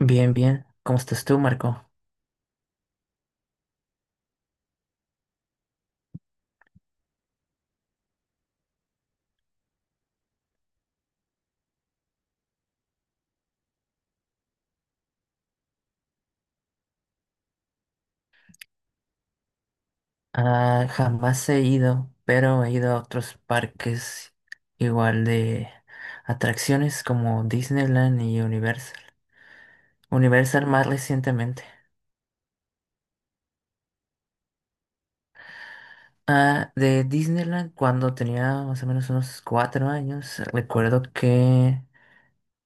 Bien, bien. ¿Cómo estás tú, Marco? Ah, jamás he ido, pero he ido a otros parques igual de atracciones como Disneyland y Universal. Universal más recientemente. Ah, de Disneyland cuando tenía más o menos unos cuatro años, recuerdo que,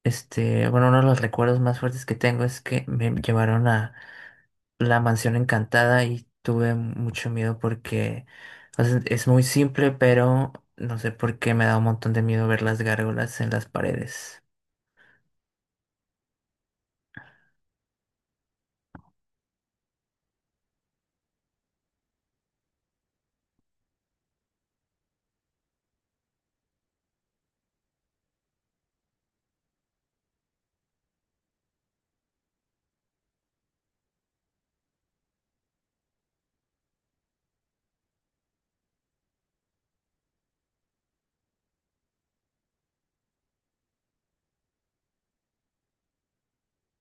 bueno, uno de los recuerdos más fuertes que tengo es que me llevaron a La Mansión Encantada y tuve mucho miedo porque, o sea, es muy simple, pero no sé por qué me da un montón de miedo ver las gárgolas en las paredes.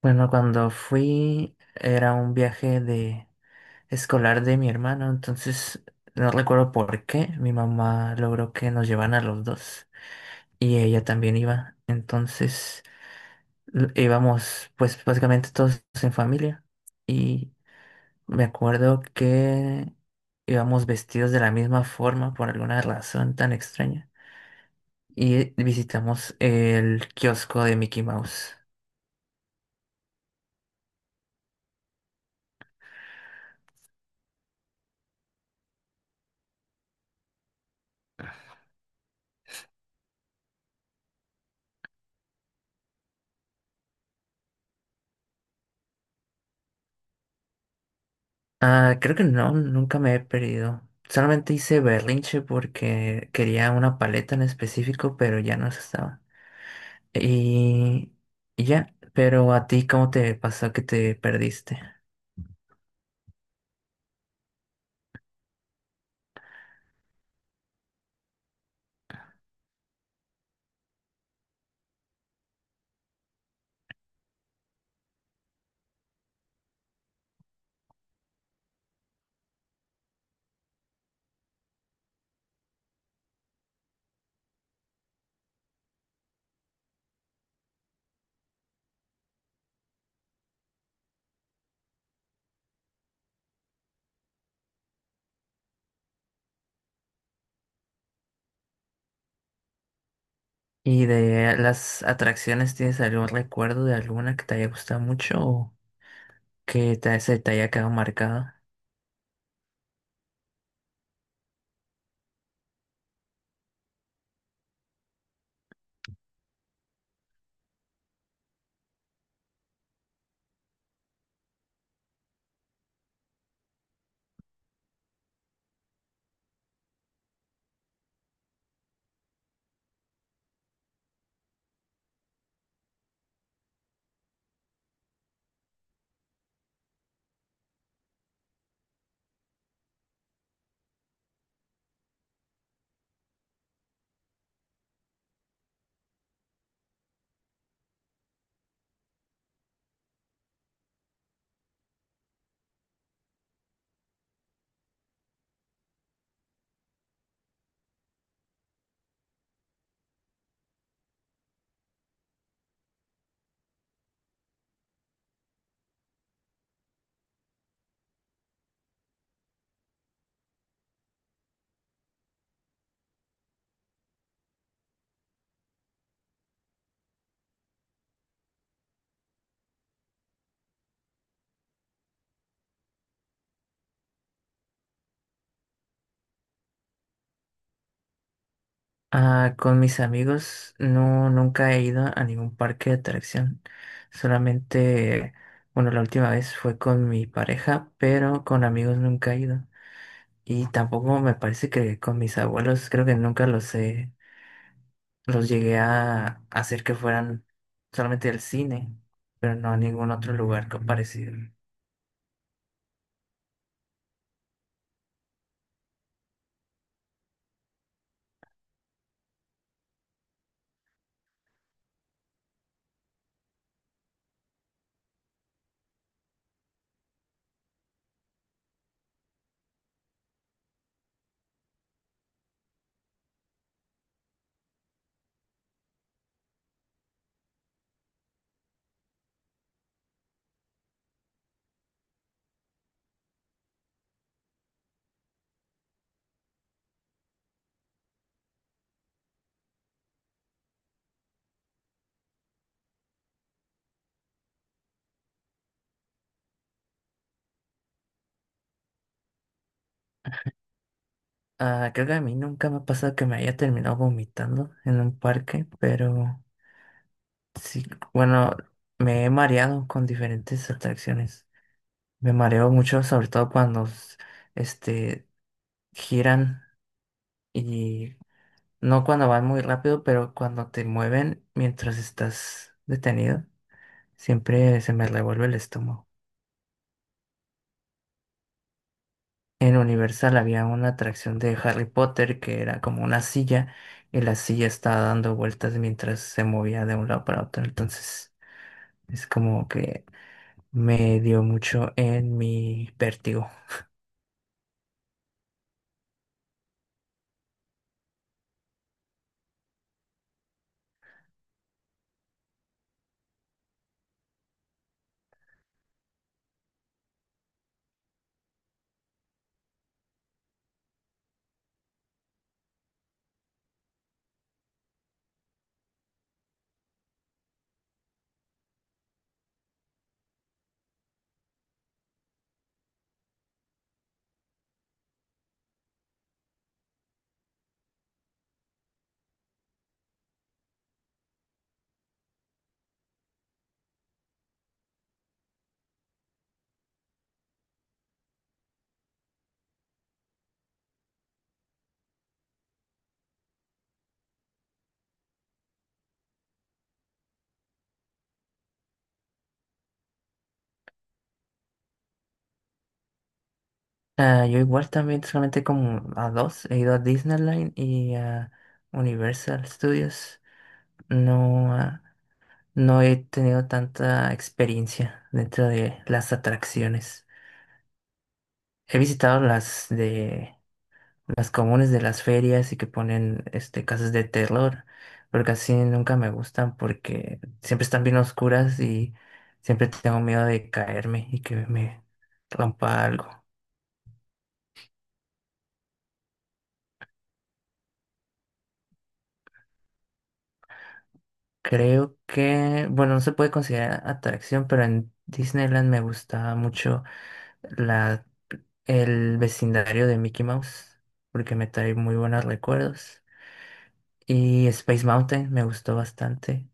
Bueno, cuando fui era un viaje de escolar de mi hermano, entonces no recuerdo por qué mi mamá logró que nos llevaran a los dos y ella también iba. Entonces íbamos pues básicamente todos en familia. Y Me acuerdo que íbamos vestidos de la misma forma por alguna razón tan extraña. Y visitamos el kiosco de Mickey Mouse. Ah, creo que no, nunca me he perdido. Solamente hice berrinche porque quería una paleta en específico, pero ya no se estaba. Y, y ya, pero a ti, ¿cómo te pasó que te perdiste? ¿Y de las atracciones tienes algún recuerdo de alguna que te haya gustado mucho o se te haya quedado marcado? Ah, con mis amigos no, nunca he ido a ningún parque de atracción. Solamente, bueno, la última vez fue con mi pareja, pero con amigos nunca he ido. Y tampoco me parece que con mis abuelos, creo que nunca los llegué a hacer que fueran solamente al cine, pero no a ningún otro lugar parecido. Ah, creo que a mí nunca me ha pasado que me haya terminado vomitando en un parque, pero sí, bueno, me he mareado con diferentes atracciones. Me mareo mucho, sobre todo cuando este giran, y no cuando van muy rápido, pero cuando te mueven mientras estás detenido, siempre se me revuelve el estómago. En Universal había una atracción de Harry Potter que era como una silla y la silla estaba dando vueltas mientras se movía de un lado para otro. Entonces es como que me dio mucho en mi vértigo. Ah, yo igual también solamente como a dos. He ido a Disneyland y a Universal Studios. No, ah, no he tenido tanta experiencia dentro de las atracciones. He visitado las de las comunes de las ferias y que ponen este casas de terror, pero casi nunca me gustan porque siempre están bien oscuras y siempre tengo miedo de caerme y que me rompa algo. Creo que, bueno, no se puede considerar atracción, pero en Disneyland me gustaba mucho la, el vecindario de Mickey Mouse, porque me trae muy buenos recuerdos. Y Space Mountain me gustó bastante.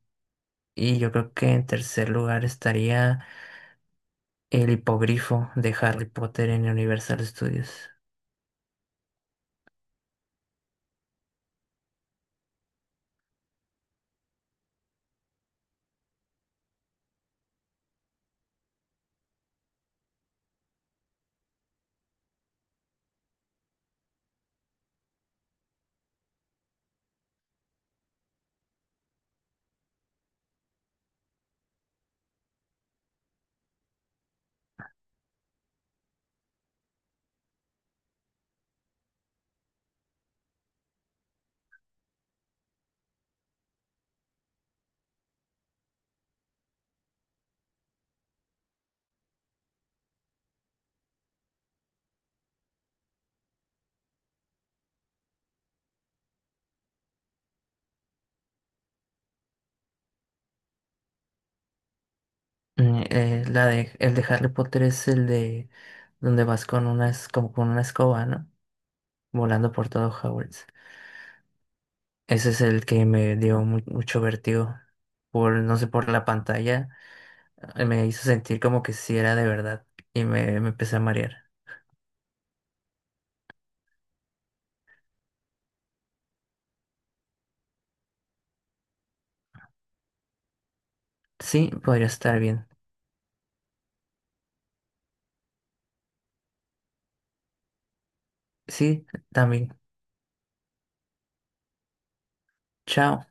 Y yo creo que en tercer lugar estaría el hipogrifo de Harry Potter en Universal Studios. La de, el de Harry Potter es el de donde vas con una, como con una escoba, ¿no? Volando por todo Hogwarts. Ese es el que me dio mucho vértigo. Por, no sé, por la pantalla. Me hizo sentir como que sí era de verdad. Y me empecé a marear. Sí, podría estar bien. Sí, también. Chao.